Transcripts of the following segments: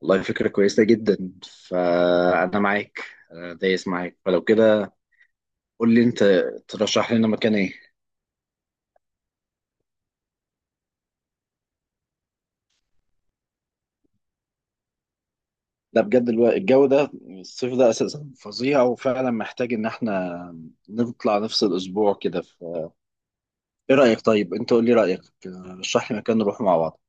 والله فكرة كويسة جدا، فأنا معاك. أنا دايس معاك، فلو كده قول لي أنت، ترشح لنا مكان إيه؟ لا بجد الجو ده، الصيف ده أساسا فظيع، وفعلا محتاج إن إحنا نطلع نفصل أسبوع كده. فإيه رأيك طيب؟ أنت قول لي رأيك، رشح لي مكان نروح مع بعض.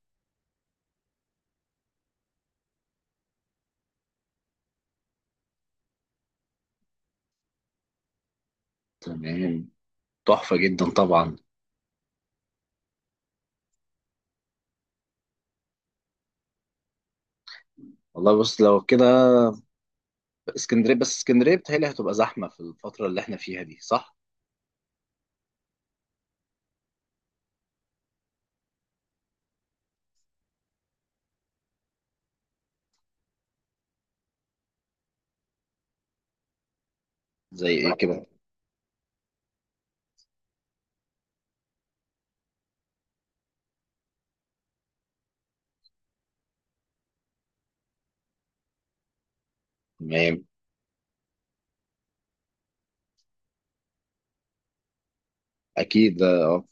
تمام، تحفة جدا طبعا. والله بص، لو كده اسكندرية. بس اسكندرية بتهيألي هتبقى زحمة في الفترة اللي إحنا فيها دي، صح؟ زي إيه كده؟ تمام، أكيد آه.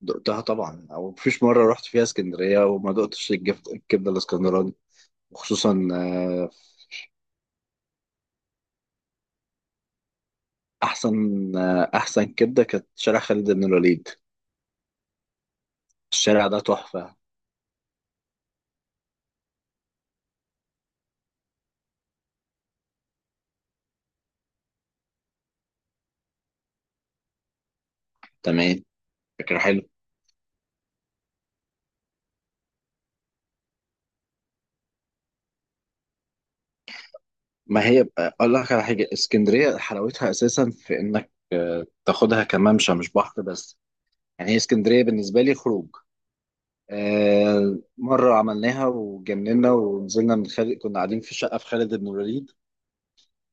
دقتها طبعا، او مفيش مره رحت فيها اسكندريه وما دقتش الكبده الاسكندراني. وخصوصا احسن. احسن كبده كانت شارع خالد بن الوليد، الشارع ده تحفه. تمام، فكره حلو. ما هي بقى- اقول لك على حاجه، اسكندريه حلاوتها اساسا في انك تاخدها كممشى مش بحر بس. يعني هي اسكندريه بالنسبه لي خروج. مره عملناها وجننا ونزلنا من خالد، كنا قاعدين في شقه في خالد بن الوليد،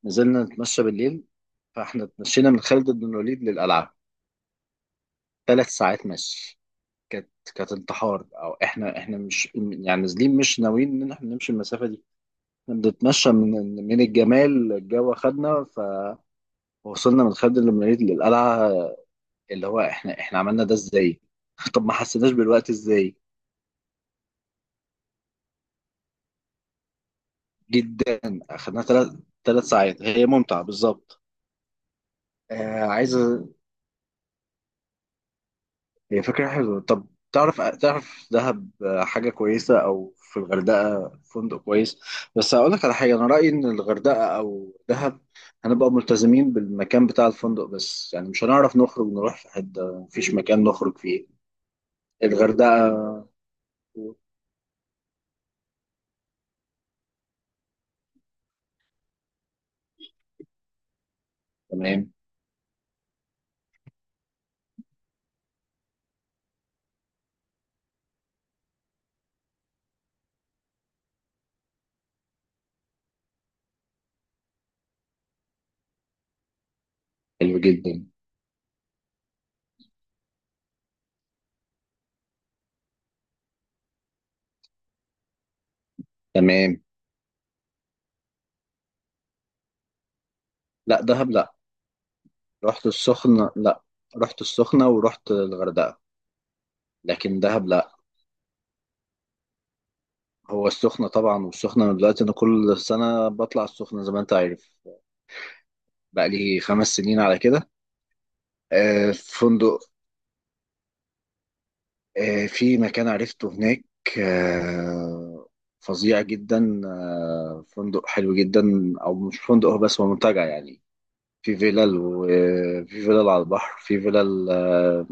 نزلنا نتمشى بالليل، فاحنا اتمشينا من خالد بن الوليد للقلعه، ثلاث ساعات مشي. كانت، كانت انتحار. او احنا مش يعني نازلين مش ناويين ان احنا نمشي المسافه دي. احنا بنتمشى، من الجمال الجو خدنا، فوصلنا من خالد بن الوليد للقلعه، اللي هو احنا عملنا ده ازاي. طب ما حسيناش بالوقت ازاي. جدا، اخدنا ثلاث ساعات، هي ممتعه بالظبط. آه عايز، هي فكرة حلوة. طب تعرف دهب حاجة كويسة، أو في الغردقة فندق كويس. بس هقول لك على حاجة، أنا رأيي إن الغردقة أو دهب هنبقى ملتزمين بالمكان بتاع الفندق بس، يعني مش هنعرف نخرج نروح في حتة، مفيش مكان نخرج فيه. الغردقة. تمام. حلو جدا. تمام. لا، دهب لا. رحت السخنة، لا رحت السخنة ورحت الغردقة. لكن دهب لا. هو السخنة طبعا، والسخنة من دلوقتي أنا كل سنة بطلع السخنة زي ما أنت عارف، بقى لي خمس سنين على كده. في فندق، في مكان عرفته هناك. آه، فظيع جدا، فندق حلو جدا، او مش فندق هو، بس هو منتجع يعني. في فيلل، وفي فيلل على البحر، في فيلل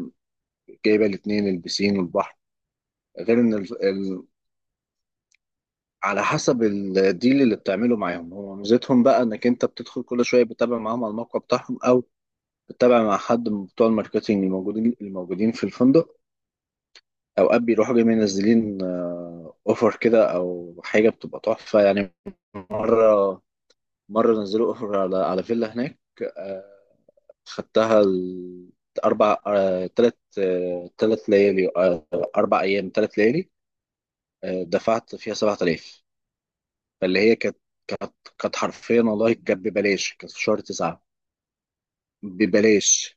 جايبه الاثنين، البسين والبحر. غير ان على حسب الديل اللي بتعمله معاهم. هو ميزتهم بقى انك انت بتدخل كل شويه بتتابع معاهم على الموقع بتاعهم، او بتتابع مع حد من بتوع الماركتينج الموجودين، في الفندق. اوقات بيروحوا جاي منزلين اوفر كده او حاجه، بتبقى تحفه يعني. مره مره نزلوا اوفر على فيلا هناك. آه، خدتها اربع، ثلاث ثلاث ليالي، اربع ايام ثلاث ليالي. دفعت فيها 7000. فاللي هي كانت، كانت حرفيا والله كانت ببلاش، كانت في شهر تسعة. ببلاش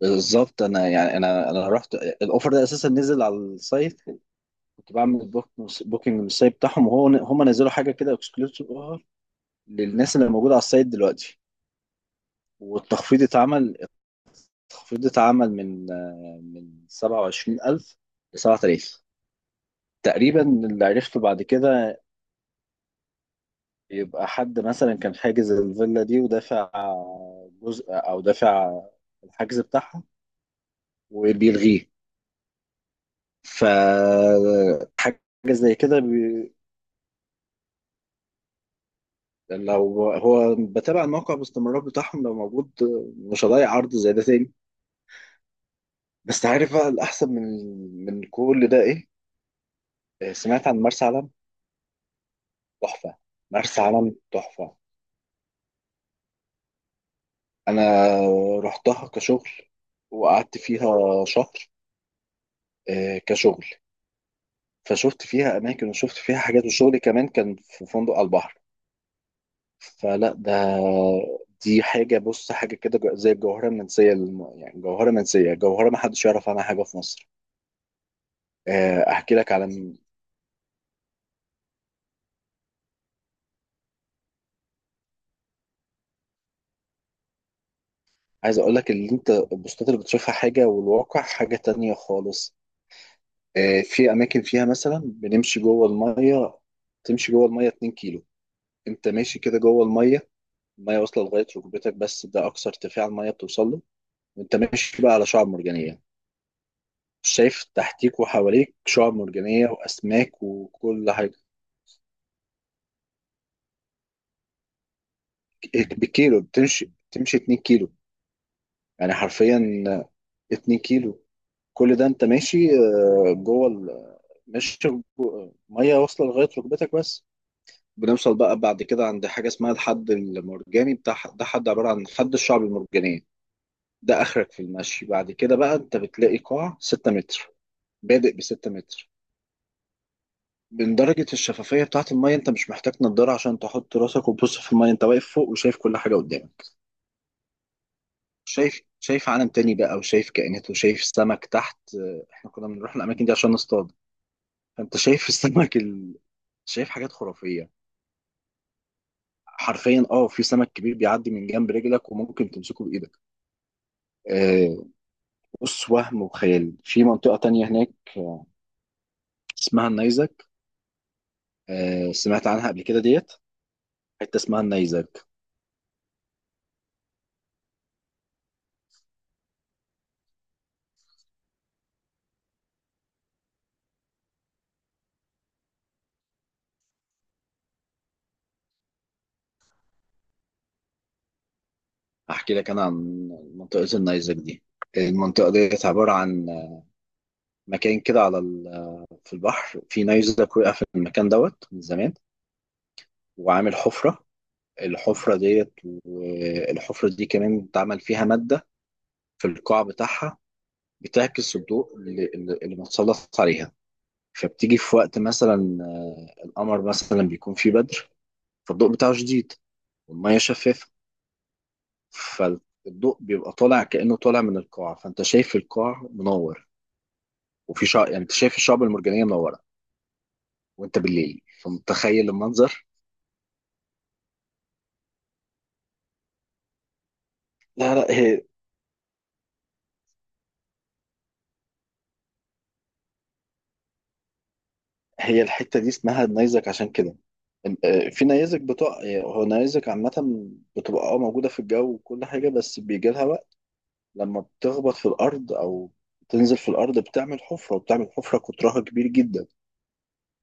بالظبط. انا يعني انا رحت الاوفر ده اساسا نزل على السايت، كنت بعمل بوك، بوكينج من السايت بتاعهم، وهو هم نزلوا حاجه كده اكسكلوسيف للناس اللي موجوده على السايت دلوقتي. والتخفيض اتعمل، التخفيض اتعمل من من 27,000 ل 7000 تقريبا، اللي عرفته بعد كده يبقى حد مثلا كان حاجز الفيلا دي ودافع جزء، او دافع الحجز بتاعها وبيلغيه. فحاجه زي كده لو هو بتابع الموقع باستمرار بتاعهم، لو موجود مش هضيع عرض زي ده تاني. بس عارف بقى الأحسن من كل ده إيه؟ سمعت عن مرسى علم. تحفة، مرسى علم تحفة. أنا رحتها كشغل، وقعدت فيها شهر، كشغل، فشفت فيها أماكن، وشفت فيها حاجات، وشغلي كمان كان في فندق على البحر. فلا ده، دي حاجة، بص حاجة كده زي الجوهرة المنسية، يعني جوهرة منسية، جوهرة محدش يعرف عنها حاجة في مصر. احكي لك على عايز اقول لك، اللي انت البوستات اللي بتشوفها حاجه، والواقع حاجه تانية خالص. في اماكن فيها مثلا بنمشي جوه الميه، تمشي جوه الميه 2 كيلو. انت ماشي كده جوه الميه، الميه واصله لغايه ركبتك بس، ده اقصى ارتفاع الميه بتوصل له. وانت ماشي بقى على شعاب مرجانيه، شايف تحتيك وحواليك شعاب مرجانيه واسماك وكل حاجه. بالكيلو بتمشي، تمشي 2 كيلو، يعني حرفيا 2 كيلو. كل ده انت ماشي جوه مش، ميه واصله لغايه ركبتك بس. بنوصل بقى بعد كده عند حاجه اسمها الحد المرجاني بتاع ده، حد عباره عن حد الشعب المرجانيه. ده اخرك في المشي، بعد كده بقى انت بتلاقي قاع 6 متر، بادئ ب 6 متر. من درجه الشفافيه بتاعه الميه، انت مش محتاج نضاره عشان تحط راسك وتبص في الميه، انت واقف فوق وشايف كل حاجه قدامك. شايف عالم تاني بقى، وشايف كائنات، وشايف سمك تحت. احنا كنا بنروح الاماكن دي عشان نصطاد. فانت شايف السمك ال… شايف حاجات خرافيه. حرفيا اه، في سمك كبير بيعدي من جنب رجلك، وممكن تمسكه بايدك. آه، بص وهم وخيال في منطقه تانية هناك، آه، اسمها النيزك. سمعت عنها قبل كده ديت، حته اسمها النيزك. احكي لك انا عن منطقه النيزك دي. المنطقه ديت عباره عن مكان كده على في البحر، في نيزك وقع في المكان دوت من زمان، وعامل حفره. الحفره ديت، والحفره دي كمان اتعمل فيها ماده في القاع بتاعها، بتعكس الضوء اللي متسلط عليها. فبتيجي في وقت مثلا القمر مثلا بيكون فيه بدر، فالضوء بتاعه شديد، والمية شفافة، فالضوء بيبقى طالع كأنه طالع من القاع، فأنت شايف القاع منور. وفي شع… يعني أنت شايف الشعب المرجانية منورة، وأنت بالليل، فمتخيل المنظر. لا هي، هي الحتة دي اسمها النيزك عشان كده في نيزك بتوع، هو نيزك عامة بتبقى اه موجودة في الجو وكل حاجة، بس بيجي لها وقت لما بتخبط في الارض او تنزل في الارض بتعمل حفره، وبتعمل حفره قطرها كبير جدا.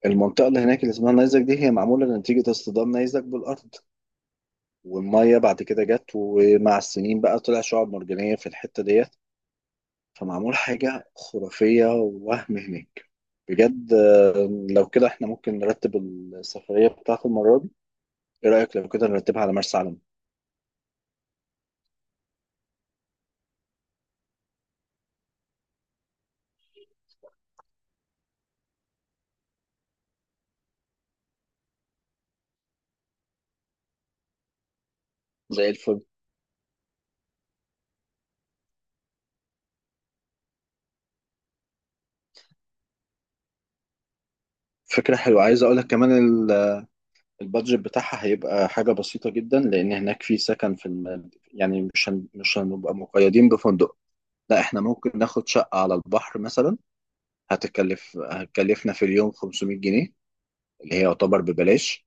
المنطقه اللي هناك اللي اسمها النيزك دي هي معموله نتيجه اصطدام نيزك بالارض، والميه بعد كده جت، ومع السنين بقى طلع شعاب مرجانيه في الحته ديت. فمعمول حاجه خرافيه ووهم هناك بجد. لو كده احنا ممكن نرتب السفريه بتاعت المره دي، ايه رايك لو كده نرتبها على مرسى علم؟ زي الفل. فكره حلوه، عايز اقول لك كمان، البادجت بتاعها هيبقى حاجة بسيطة جدا، لأن هناك في سكن في الم… يعني مش هن… مش هنبقى مقيدين بفندق، لا احنا ممكن ناخد شقة على البحر مثلا. هتكلف، هتكلفنا في اليوم 500 جنيه، اللي هي يعتبر ببلاش.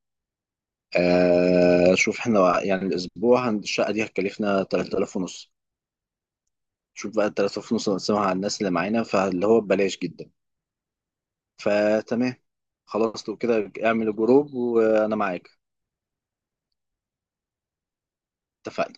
آه… شوف احنا يعني الأسبوع الشقة دي هتكلفنا 3000 ونص، شوف بقى 3000 ونص نقسمها على الناس اللي معانا، فاللي هو ببلاش جدا. فتمام، خلاص لو كده اعمل جروب وأنا معاك. اتفقنا.